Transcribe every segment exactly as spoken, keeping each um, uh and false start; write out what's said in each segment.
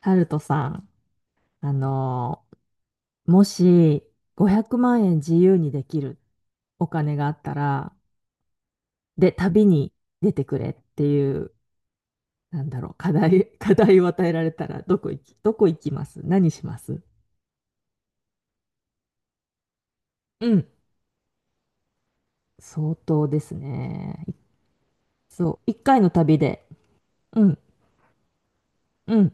タルトさん、あのーもしごひゃくまん円自由にできるお金があったら、で、旅に出てくれっていう、なんだろう、課題、課題を与えられたら、どこ行き、どこ行きます？何します？うん。相当ですね。そう、一回の旅で。うん、うん。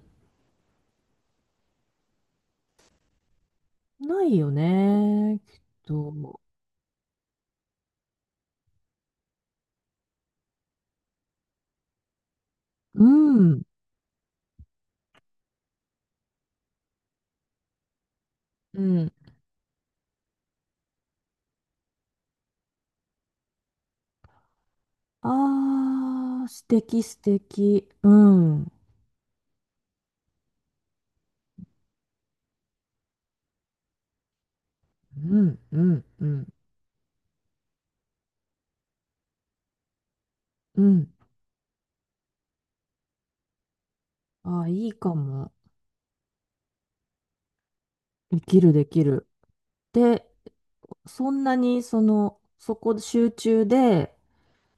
ないよね、きっと。うん、うん。あー、素敵、素敵。うん、うん、うん、うん。うんああ、いいかも。できる、できる。で、そんなに、その、そこ集中で、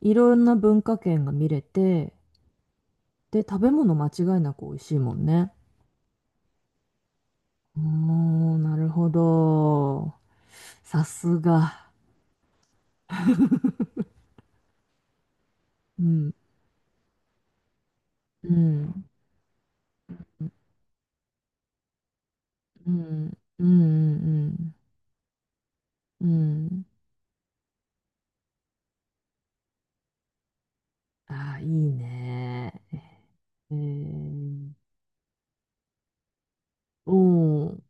いろんな文化圏が見れて、で、食べ物間違いなく美味しいもんね。うーん、なるほど。さすが。うん、うん、うん、うん、うん、うん。うんああ、いいね。えー、うん。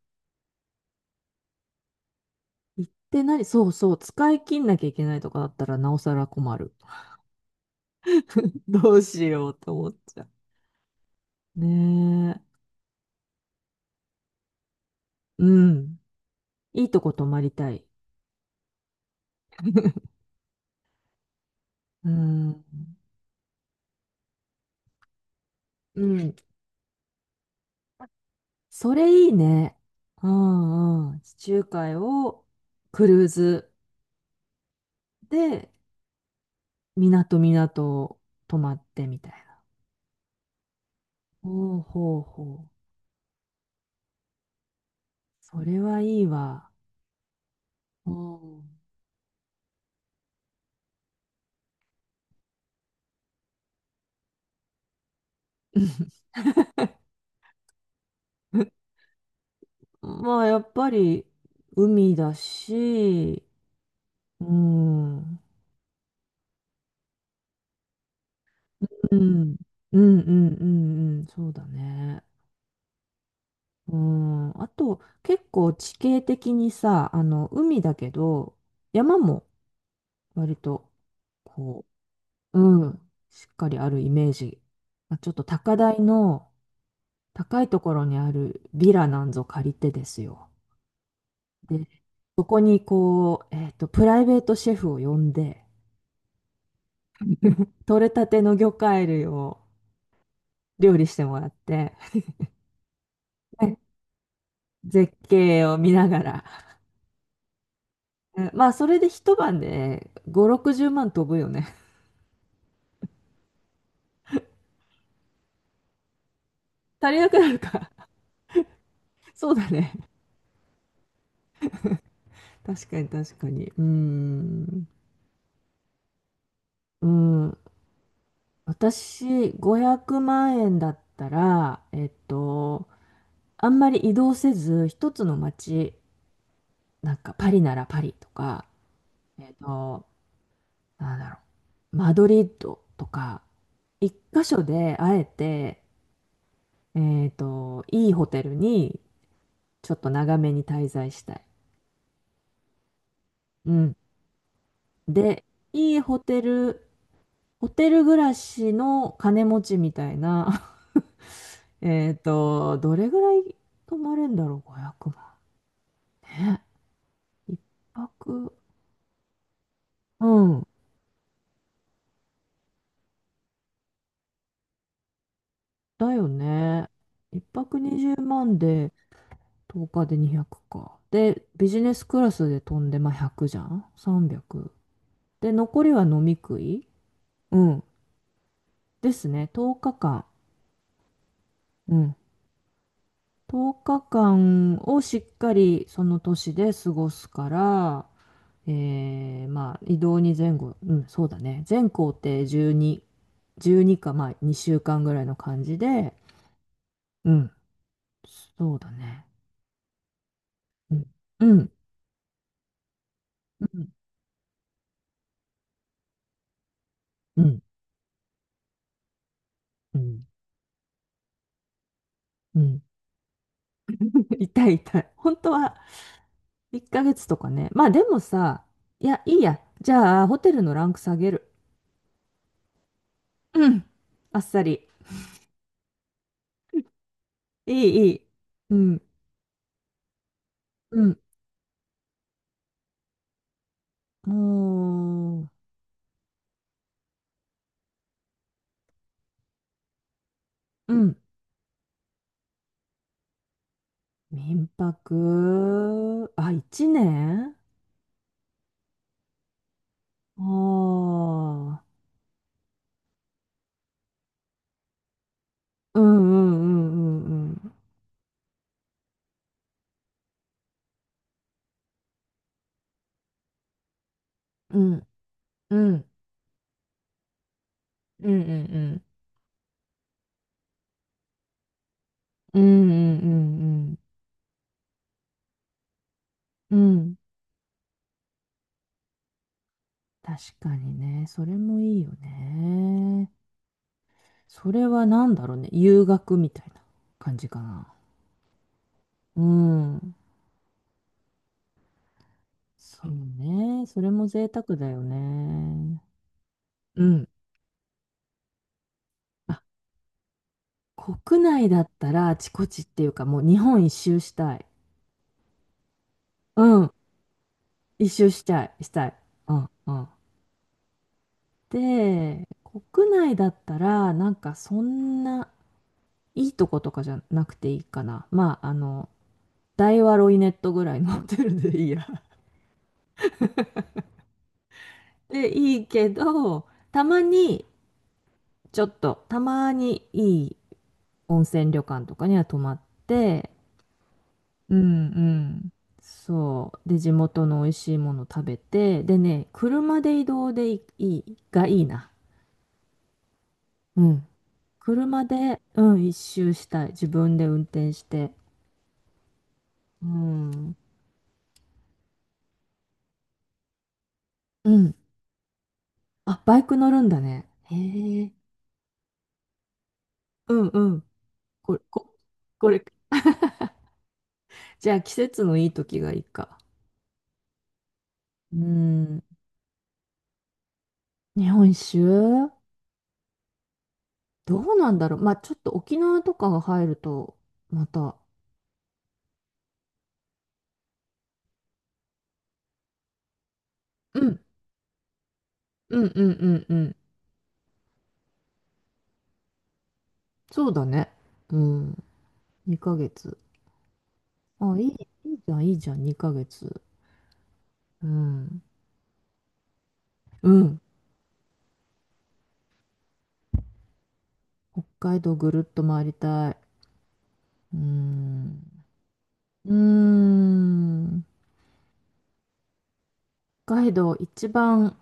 行ってない、そうそう、使い切んなきゃいけないとかだったら、なおさら困る。どうしようと思っちゃう。ねえ。うん。いいとこ泊まりたい。うん。うん。それいいね。うんうん。地中海をクルーズで、港港泊まってみたいな。ほうほうほう。それはいいわ。うん。まあ、やっぱり海だし、うん。うん。うんうんうんうん。そうだね。うん、あと結構地形的にさ、あの海だけど山も割とこう、うん、しっかりあるイメージ。まあ、ちょっと高台の高いところにあるビラなんぞ借りてですよ。で、そこにこう、えっと、プライベートシェフを呼んで、取れたての魚介類を料理してもらって、ね絶景を見ながら。うんまあ、それで一晩でご、ろくじゅうまん飛ぶよね。足りなくなるか。そうだね。確かに確かに。うーん。うん。私、ごひゃくまん円だったら、えっと、あんまり移動せず、一つの街、なんかパリならパリとか、えっと、なんだろう、マドリッドとか、一箇所であえて、えっと、いいホテルにちょっと長めに滞在したい。うん。で、いいホテル、ホテル暮らしの金持ちみたいなえっと、どれぐらい泊まれんだろう、ごひゃくまん。ね。一泊、うん。だよね。一泊にじゅうまんで、とおかでにひゃくか。で、ビジネスクラスで飛んで、まあ、ひゃくじゃん ?さんびゃく。で、残りは飲み食い、うん、ですね。とおかかん。うん。とおかかんをしっかりその年で過ごすから、えー、まあ、移動に前後、うん、そうだね。全行程じゅうに、じゅうにか、まあ、にしゅうかんぐらいの感じで、うん、そうだね。うん、うん、うん、うん、うん。痛い痛い。本当はいっかげつとかね。まあ、でもさ、いや、いいや。じゃあ、ホテルのランク下げる。うん、あっさり。いい、いい。うん、うん、もう、うん。民泊、あ、いちねんああ、うんうんうんうんうん。うんうんうんうん。うんうんうんうん。うん。確かにね。それもいいよね。それは何だろうね。遊学みたいな感じかな。うん。そうね。それも贅沢だよね。うん。あ、国内だったらあちこちっていうかもう日本一周したい。うん。一周したい。したい。うんうん。で、国内だったら、なんかそんないいとことかじゃなくていいかな。まあ、あの、大和ロイネットぐらいのホテルでいいや。で、いいけど、たまに、ちょっと、たまにいい温泉旅館とかには泊まって、うんうん。そう。で、地元の美味しいもの食べて、でね、車で移動でいい、がいいな。うん。車で、うん、一周したい。自分で運転して。うん。うん。あ、バイク乗るんだね。へえ。うんうん。これ、こ、これ、じゃあ季節のいい時がいいか。うん。日本酒周どうなんだろう。まあちょっと沖縄とかが入ると、また。うん。うんうんうんうん。そうだね。うん。にかげつ。あ、いい、いいじゃん、いいじゃん、にかげつ。うん。うん。北海道ぐるっと回りたい。うーん。うーん。北海道一番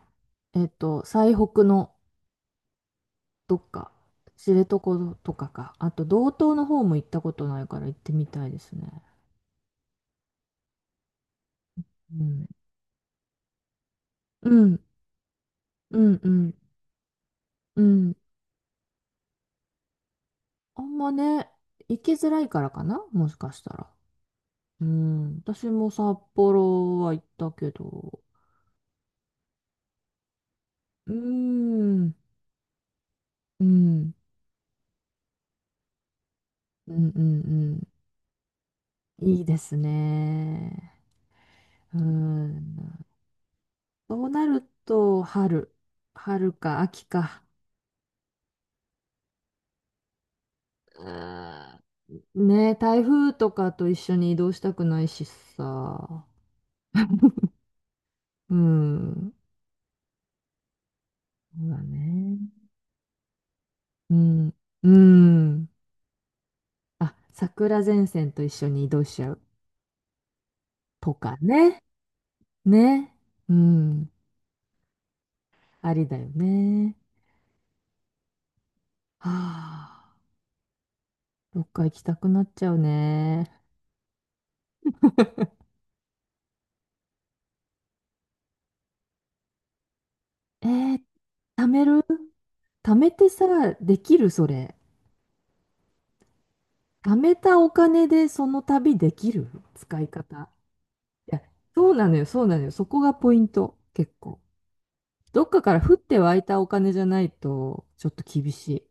えっと、最北のどっか、知床とかか、あと道東の方も行ったことないから行ってみたいですね。うん。うん、うん、うん、うん。あんまね、行きづらいからかな、もしかしたら。うん。私も札幌は行ったけど、うーん、うん、うん、うん、うん。いいですね。うん。そうなると、春、春か秋か。うんね、台風とかと一緒に移動したくないしさ。うん。そうだね。うん。うん。あ、桜前線と一緒に移動しちゃうとかね。ね。うん。ありだよね。はあ。どっか行きたくなっちゃうね。えー、貯める貯めてさ、できるそれ。貯めたお金でその旅できる使い方。いや、そうなのよ、そうなのよ。そこがポイント。結構。どっかから降って湧いたお金じゃないと、ちょっと厳しい。